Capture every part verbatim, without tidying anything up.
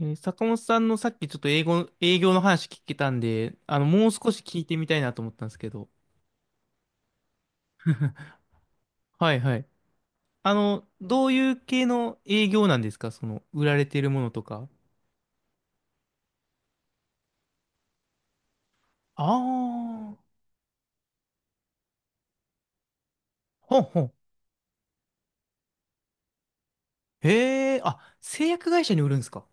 えー坂本さんのさっきちょっと英語、営業の話聞けたんで、あの、もう少し聞いてみたいなと思ったんですけど。はいはい。あの、どういう系の営業なんですか？その、売られてるものとか。ああ、ほんほん。へえ、あ、製薬会社に売るんですか？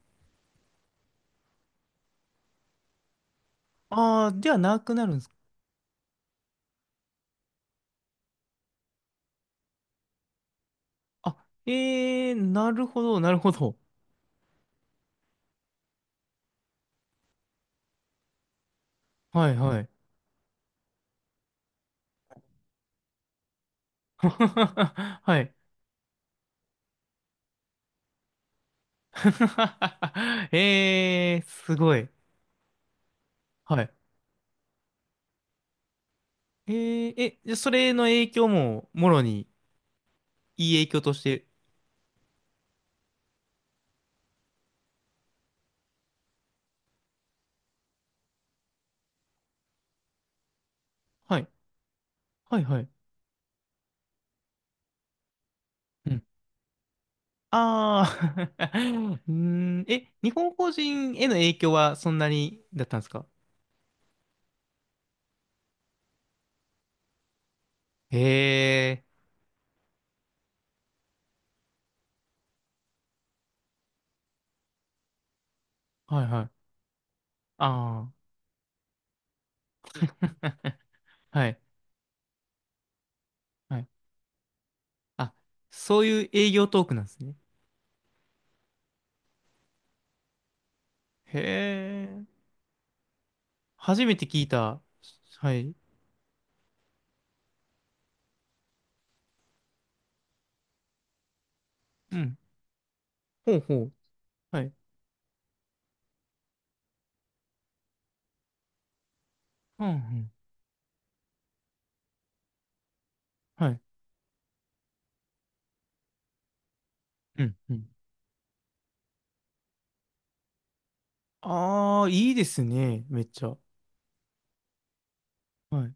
ああー、ではなくなるんですか？あ、ええー、なるほど、なるほど。はいはい。はい。ええー、すごい。はい。えー、え、じゃあそれの影響ももろに、いい影響として。はい。はいはい。うん。ああ、 うーん。え、日本法人への影響はそんなにだったんですか？へえ。はいはい。ああ。はい。はい。あ、そういう営業トークなんですね。へえ。初めて聞いた。はい。うん。ほうほう。はい。うんうん。はい。うんうん。ああ、いいですね。めっちゃ。はい。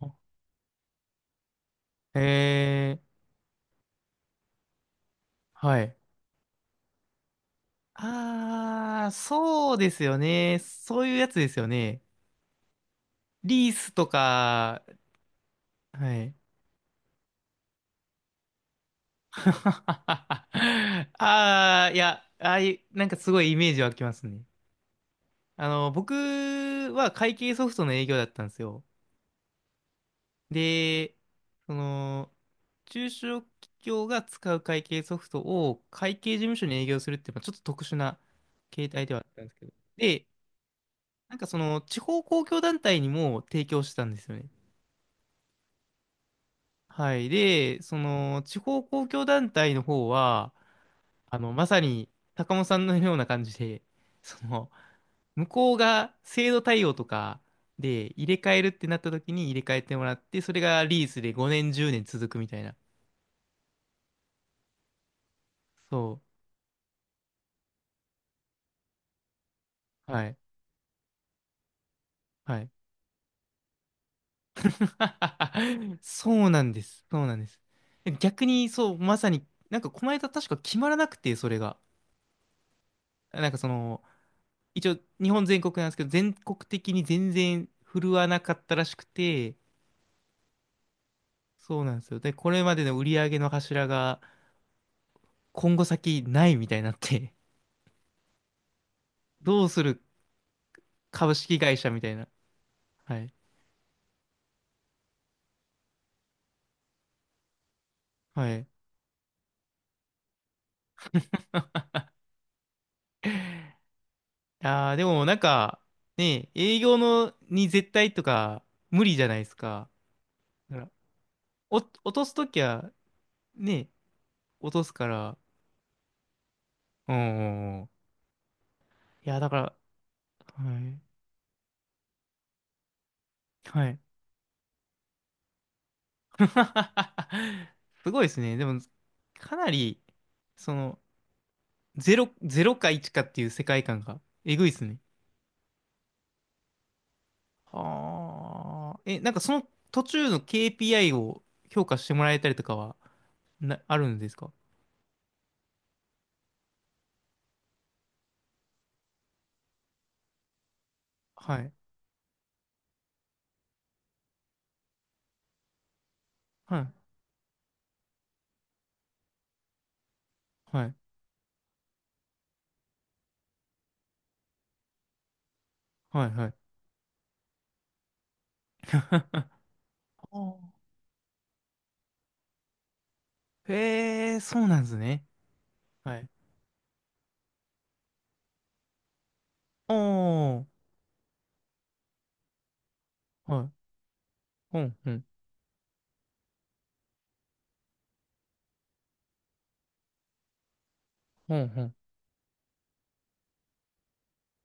へえ。はい。ああ、そうですよね。そういうやつですよね。リースとか、はい。ああ、いや、ああいう、なんかすごいイメージ湧きますね。あの、僕は会計ソフトの営業だったんですよ。で、その、中小企業が使う会計ソフトを会計事務所に営業するって、まあちょっと特殊な形態ではあったんですけど。で、なんかその、地方公共団体にも提供してたんですよね。はい。で、その、地方公共団体の方は、あの、まさに、高本さんのような感じで、その、向こうが制度対応とかで入れ替えるってなった時に入れ替えてもらって、それがリースでごねん、じゅうねん続くみたいな。そう。はい。はい。そうなんです。そうなんです。逆に、そう、まさに、なんかこの間確か決まらなくて、それが。なんかその、一応日本全国なんですけど、全国的に全然振るわなかったらしくて、そうなんですよ。で、これまでの売り上げの柱が今後先ないみたいになって、どうする株式会社みたいな。はい。はい。あー、でもなんか、ね、営業のに絶対とか無理じゃないですか？だからお、落とすときは、ね、落とすから、うんうんうん。いや、だから、はい。はい。すごいですね。でも、かなり、その、ゼロ、ゼロかいちかっていう世界観がえぐいですね。はあ。え、なんかその途中の ケーピーアイ を評価してもらえたりとかは、な、あるんですか？はい。はい。はい。はい。はい。あー、へえ、そうなんですね。はい。ああ、はい。ほんほん。ほんほん。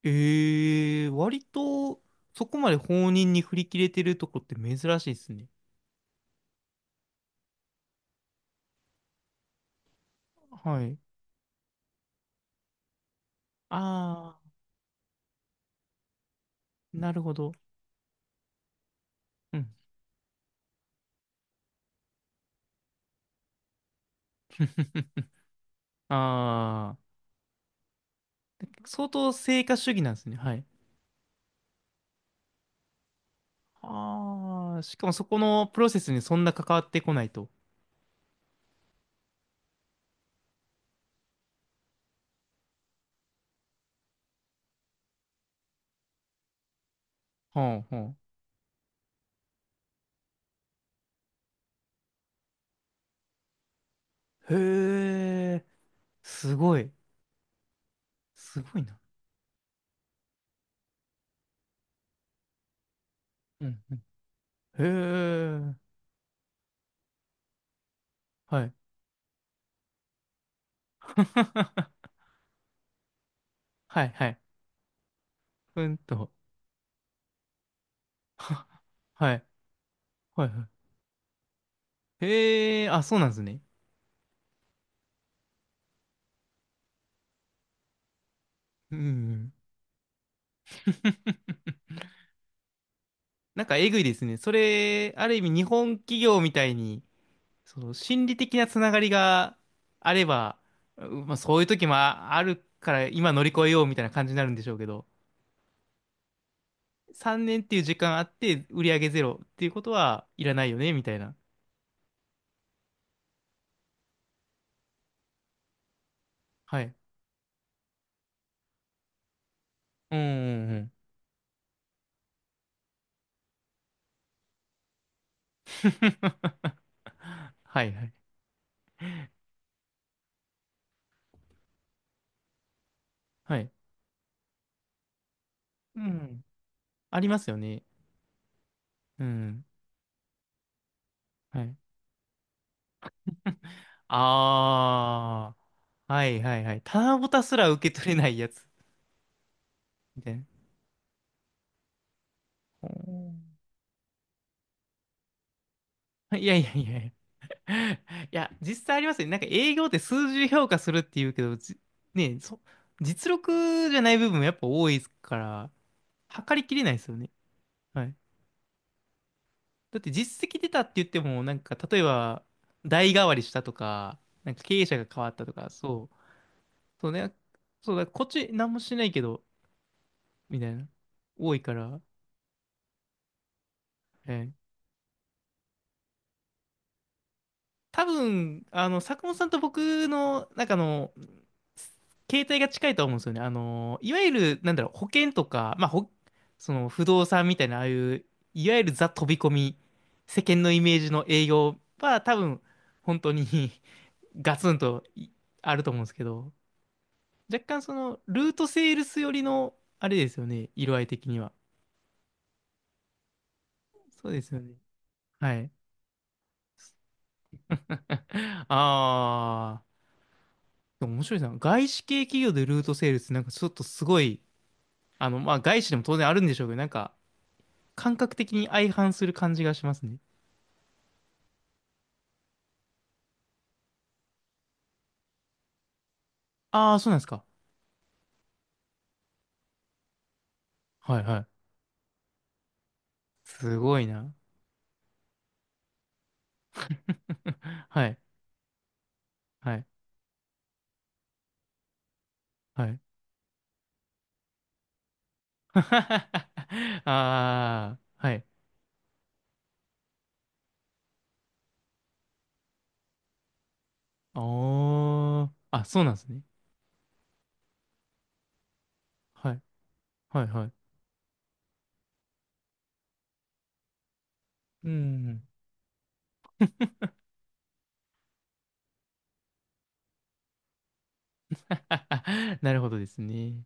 ええ、割と、そこまで放任に振り切れてるとこって珍しいですね。はい。ああ、なるほど。うん。ああ、相当成果主義なんですね。はい。ああ、しかもそこのプロセスにそんな関わってこないと。はあ、はあ。へえ、すごい。すごいな。うんうん。へえ、はい。はい、はい。うんと。はい、はい、はい。へえ、あ、そうなんですね。うんうん。なんかえぐいですね。それ、ある意味日本企業みたいに、その心理的なつながりがあれば、うまあ、そういう時もああるから今乗り越えようみたいな感じになるんでしょうけど、さんねんっていう時間あって売り上げゼロっていうことはいらないよねみたいな。はい。うんうんうん。はいはい。はい。うん。ありますよね。うん。はい。ああ。はいはいはい。棚ぼたすら受け取れないやつ。みたいな。おー、いやいやいやいや。いや、実際ありますよね。なんか営業って数字で評価するっていうけど、じねえ、そ、実力じゃない部分もやっぱ多いから、測りきれないですよね。はい。だって実績出たって言っても、なんか例えば、代替わりしたとか、なんか経営者が変わったとか、そう、そうね、そうだ、こっち何もしてないけど、みたいな、多いから、ええ、多分、あの、坂本さんと僕の、なんかあの、携帯が近いと思うんですよね。あの、いわゆる、なんだろう、保険とか、まあ、ほ、その不動産みたいな、ああいう、いわゆるザ飛び込み、世間のイメージの営業は多分、本当に ガツンといあると思うんですけど、若干その、ルートセールス寄りの、あれですよね、色合い的には。そうですよね。はい。ああ、でも面白いな。外資系企業でルートセールス、なんかちょっとすごい、あの、まあ、外資でも当然あるんでしょうけど、なんか、感覚的に相反する感じがしますね。ああ、そうなんですか？はいはい。すごいな。はい、はい、はい。ああ、はい。おー。あ、そうなんですね。はい、はい、はい。うん。なるほどですね。